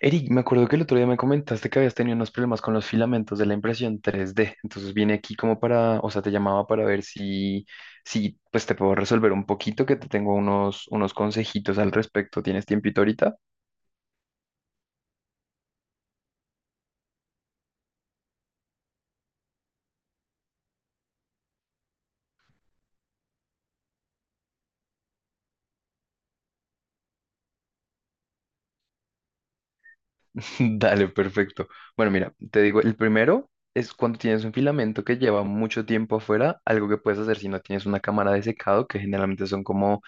Eric, me acuerdo que el otro día me comentaste que habías tenido unos problemas con los filamentos de la impresión tres d. Entonces vine aquí como para, o sea, te llamaba para ver si, si pues te puedo resolver un poquito, que te tengo unos consejitos al respecto. ¿Tienes tiempito ahorita? Dale, perfecto. Bueno, mira, te digo, el primero es cuando tienes un filamento que lleva mucho tiempo afuera, algo que puedes hacer si no tienes una cámara de secado, que generalmente son como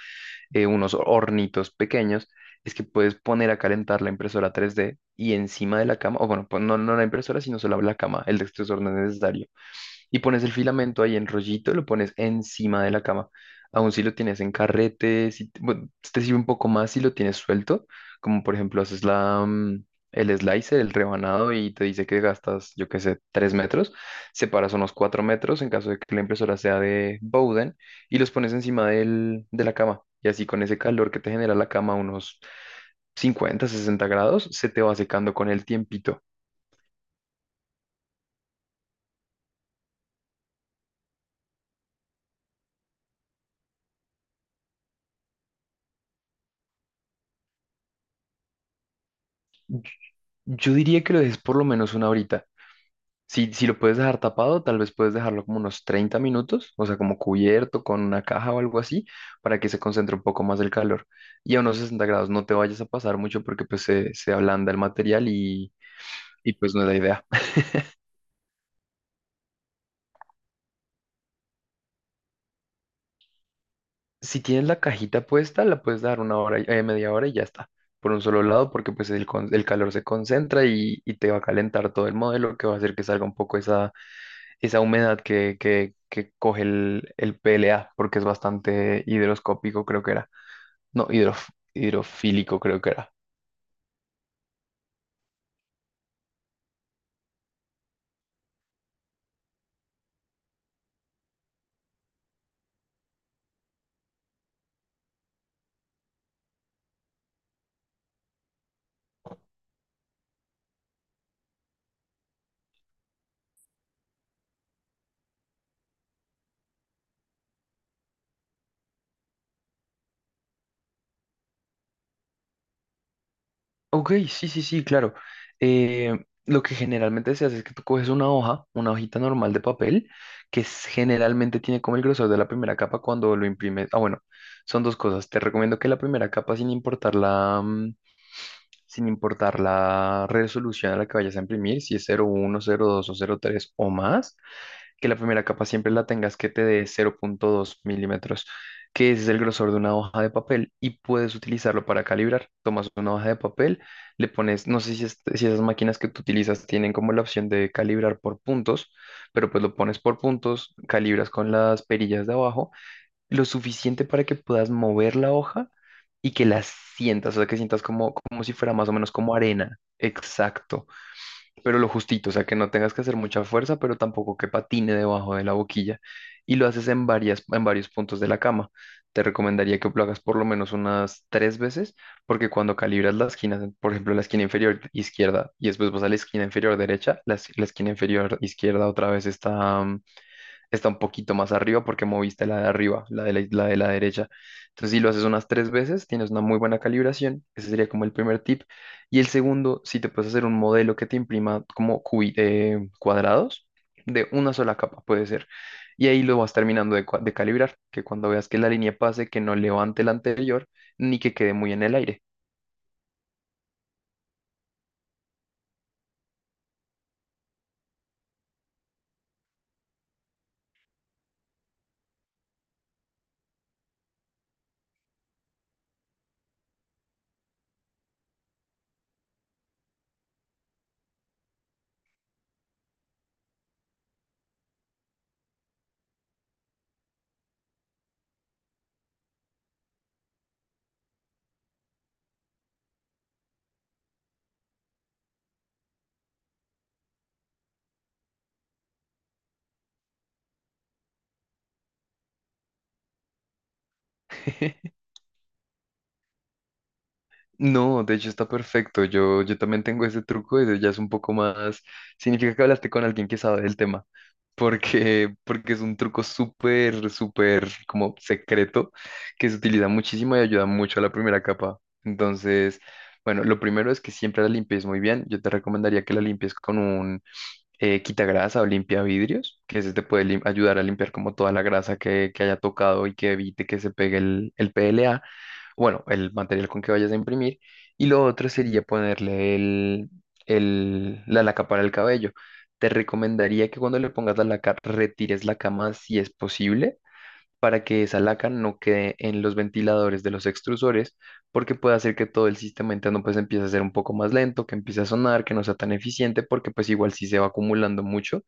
unos hornitos pequeños, es que puedes poner a calentar la impresora 3D y encima de la cama, o bueno, pues no, no la impresora, sino solo la cama, el extrusor no es necesario y pones el filamento ahí en rollito, lo pones encima de la cama. Aún si lo tienes en carrete, si, te bueno, te sirve un poco más si lo tienes suelto, como por ejemplo haces la, el slicer, el rebanado y te dice que gastas, yo qué sé, 3 metros, separas unos 4 metros en caso de que la impresora sea de Bowden y los pones encima del, de la cama. Y así con ese calor que te genera la cama, unos 50 60 grados, se te va secando con el tiempito. Yo diría que lo dejes por lo menos una hora. Si, si lo puedes dejar tapado, tal vez puedes dejarlo como unos 30 minutos, o sea, como cubierto con una caja o algo así, para que se concentre un poco más el calor. Y a unos 60 grados no te vayas a pasar mucho porque pues se ablanda el material y pues no es la idea. Si tienes la cajita puesta, la puedes dar una hora, y- media hora y ya está, por un solo lado, porque pues el, con- el calor se concentra y te va a calentar todo el modelo, que va a hacer que salga un poco esa, esa humedad que coge el PLA, porque es bastante higroscópico, creo que era. No, hidrof- hidrofílico creo que era. Ok, sí, sí, sí, claro. Eh, lo que generalmente se hace es que tú coges una hoja, una hojita normal de papel, que es- generalmente tiene como el grosor de la primera capa cuando lo imprimes. Ah, bueno, son dos cosas. Te recomiendo que la primera capa, sin importar la, sin importar la resolución a la que vayas a imprimir, si es cero uno cero dos o cero tres o más, que la primera capa siempre la tengas que te dé 0,2 milímetros, que es el grosor de una hoja de papel y puedes utilizarlo para calibrar. Tomas una hoja de papel, le pones, no sé si, es- si esas máquinas que tú utilizas tienen como la opción de calibrar por puntos, pero pues lo pones por puntos, calibras con las perillas de abajo, lo suficiente para que puedas mover la hoja y que la sientas, o sea, que sientas como, como si fuera más o menos como arena. Exacto, pero lo justito, o sea, que no tengas que hacer mucha fuerza, pero tampoco que patine debajo de la boquilla. Y lo haces en varias, en varios puntos de la cama. Te recomendaría que lo hagas por lo menos unas tres veces, porque cuando calibras las esquinas, por ejemplo, la esquina inferior izquierda y después vas a la esquina inferior derecha, la, es- la esquina inferior izquierda otra vez está está un poquito más arriba porque moviste la de arriba, la de la derecha. Entonces, si lo haces unas tres veces, tienes una muy buena calibración. Ese sería como el primer tip. Y el segundo, si te puedes hacer un modelo que te imprima como cubi cuadrados de una sola capa, puede ser. Y ahí lo vas terminando de, cua- de calibrar, que cuando veas que la línea pase, que no levante la anterior, ni que quede muy en el aire. No, de hecho está perfecto. Yo también tengo ese truco y ya es un poco más. Significa que hablaste con alguien que sabe del tema, porque es un truco súper, súper como secreto que se utiliza muchísimo y ayuda mucho a la primera capa. Entonces, bueno, lo primero es que siempre la limpies muy bien. Yo te recomendaría que la limpies con un quitagrasa o limpia vidrios, que ese te puede lim- ayudar a limpiar como toda la grasa que haya tocado y que evite que se pegue el PLA, bueno, el material con que vayas a imprimir, y lo otro sería ponerle el- la laca para el cabello. Te recomendaría que cuando le pongas la laca, retires la cama si es posible, para que esa laca no quede en los ventiladores de los extrusores, porque puede hacer que todo el sistema interno pues empiece a ser un poco más lento, que empiece a sonar, que no sea tan eficiente, porque pues igual si se va acumulando mucho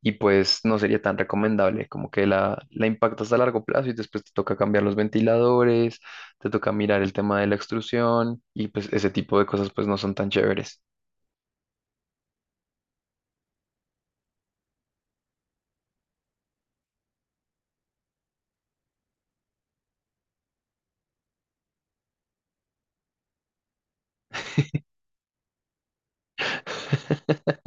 y pues no sería tan recomendable, como que la impactas a largo plazo y después te toca cambiar los ventiladores, te toca mirar el tema de la extrusión y pues ese tipo de cosas pues no son tan chéveres.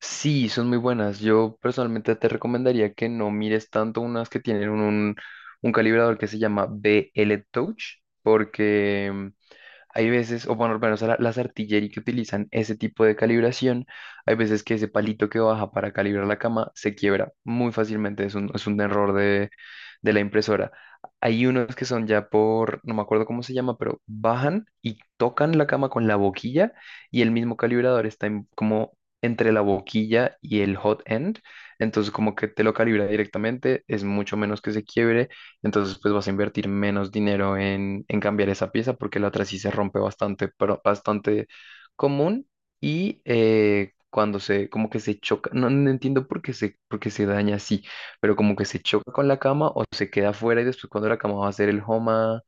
Sí, son muy buenas. Yo personalmente te recomendaría que no mires tanto unas que tienen un calibrador que se llama BL Touch, porque hay veces, o bueno, al menos la- las artillerías que utilizan ese tipo de calibración, hay veces que ese palito que baja para calibrar la cama se quiebra muy fácilmente, es un error de la impresora. Hay unos que son ya por, no me acuerdo cómo se llama, pero bajan y tocan la cama con la boquilla y el mismo calibrador está en- como entre la boquilla y el hot end, entonces como que te lo calibra directamente, es mucho menos que se quiebre, entonces, pues vas a invertir menos dinero en cambiar esa pieza porque la otra sí se rompe bastante, pero bastante común y cuando se, como que se choca, no, no entiendo por qué se daña así, pero como que se choca con la cama o se queda afuera y después cuando la cama va a hacer el homa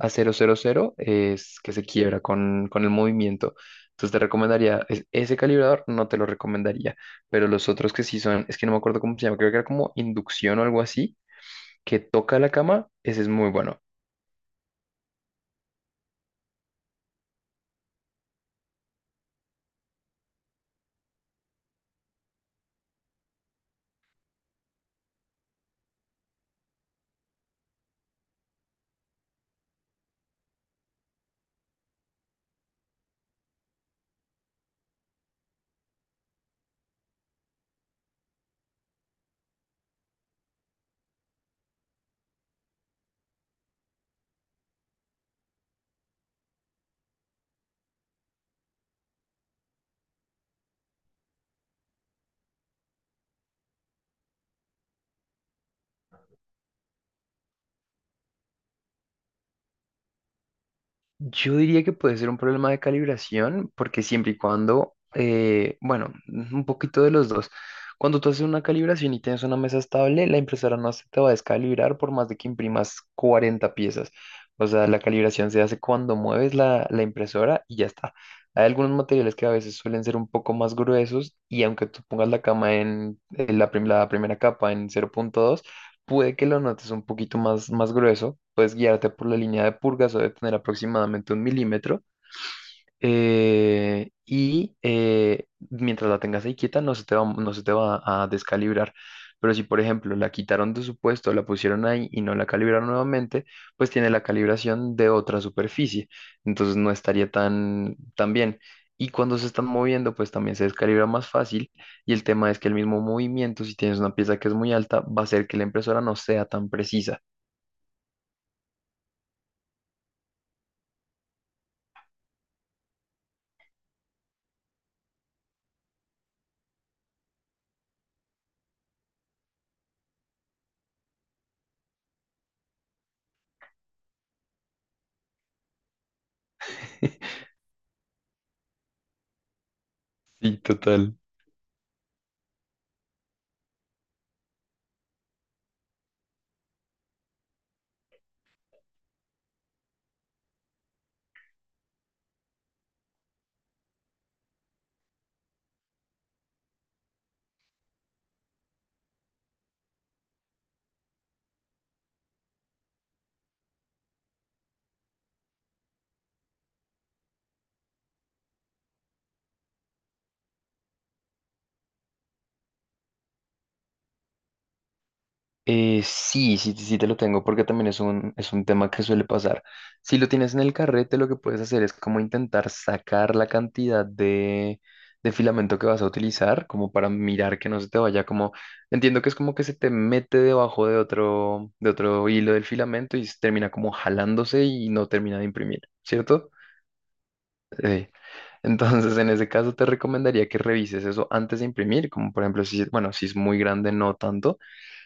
a cero cero cero es que se quiebra con el movimiento. Entonces te recomendaría, es- ese calibrador no te lo recomendaría, pero los otros que sí son, es que no me acuerdo cómo se llama, creo que era como inducción o algo así, que toca la cama, ese es muy bueno. Yo diría que puede ser un problema de calibración, porque siempre y cuando, bueno, un poquito de los dos. Cuando tú haces una calibración y tienes una mesa estable, la impresora no se te va a descalibrar por más de que imprimas 40 piezas. O sea, la calibración se hace cuando mueves la, la impresora y ya está. Hay algunos materiales que a veces suelen ser un poco más gruesos y aunque tú pongas la cama en la, prim- la primera capa en cero punto dos. Puede que lo notes un poquito más, más grueso, puedes guiarte por la línea de purgas o de tener aproximadamente un milímetro, mientras la tengas ahí quieta no se te va, no se te va a descalibrar. Pero si, por ejemplo, la quitaron de su puesto, la pusieron ahí y no la calibraron nuevamente, pues tiene la calibración de otra superficie. Entonces no estaría tan, tan bien. Y cuando se están moviendo, pues también se descalibra más fácil. Y el tema es que el mismo movimiento, si tienes una pieza que es muy alta, va a hacer que la impresora no sea tan precisa. Sí, total. Sí, sí, sí te lo tengo porque también es un tema que suele pasar. Si lo tienes en el carrete, lo que puedes hacer es como intentar sacar la cantidad de filamento que vas a utilizar, como para mirar que no se te vaya como, entiendo que es como que se te mete debajo de otro hilo del filamento y se termina como jalándose y no termina de imprimir, ¿cierto? Sí. Entonces, en ese caso, te recomendaría que revises eso antes de imprimir, como por ejemplo, si, bueno, si es muy grande, no tanto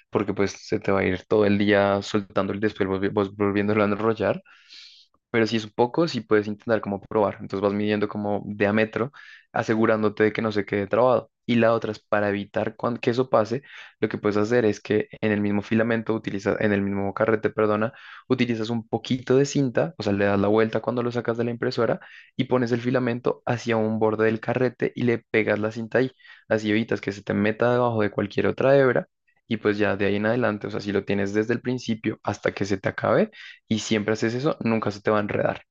porque pues se te va a ir todo el día soltando el después volvi- vos volviéndolo a enrollar. Pero si es un poco, sí puedes intentar como probar. Entonces vas midiendo como de a metro, asegurándote de que no se quede trabado. Y la otra es para evitar cuan- que eso pase, lo que puedes hacer es que en el mismo filamento utilizas, en el mismo carrete, perdona, utilizas un poquito de cinta, o sea, le das la vuelta cuando lo sacas de la impresora y pones el filamento hacia un borde del carrete y le pegas la cinta ahí. Así evitas que se te meta debajo de cualquier otra hebra y pues ya de ahí en adelante, o sea, si lo tienes desde el principio hasta que se te acabe y siempre haces eso, nunca se te va a enredar.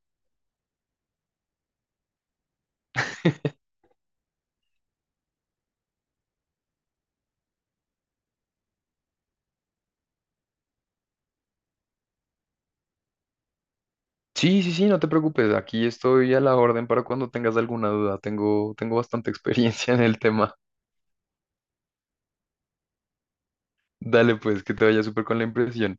Sí, sí, sí, no te preocupes, aquí estoy a la orden para cuando tengas alguna duda, tengo, tengo bastante experiencia en el tema. Dale pues, que te vaya súper con la impresión.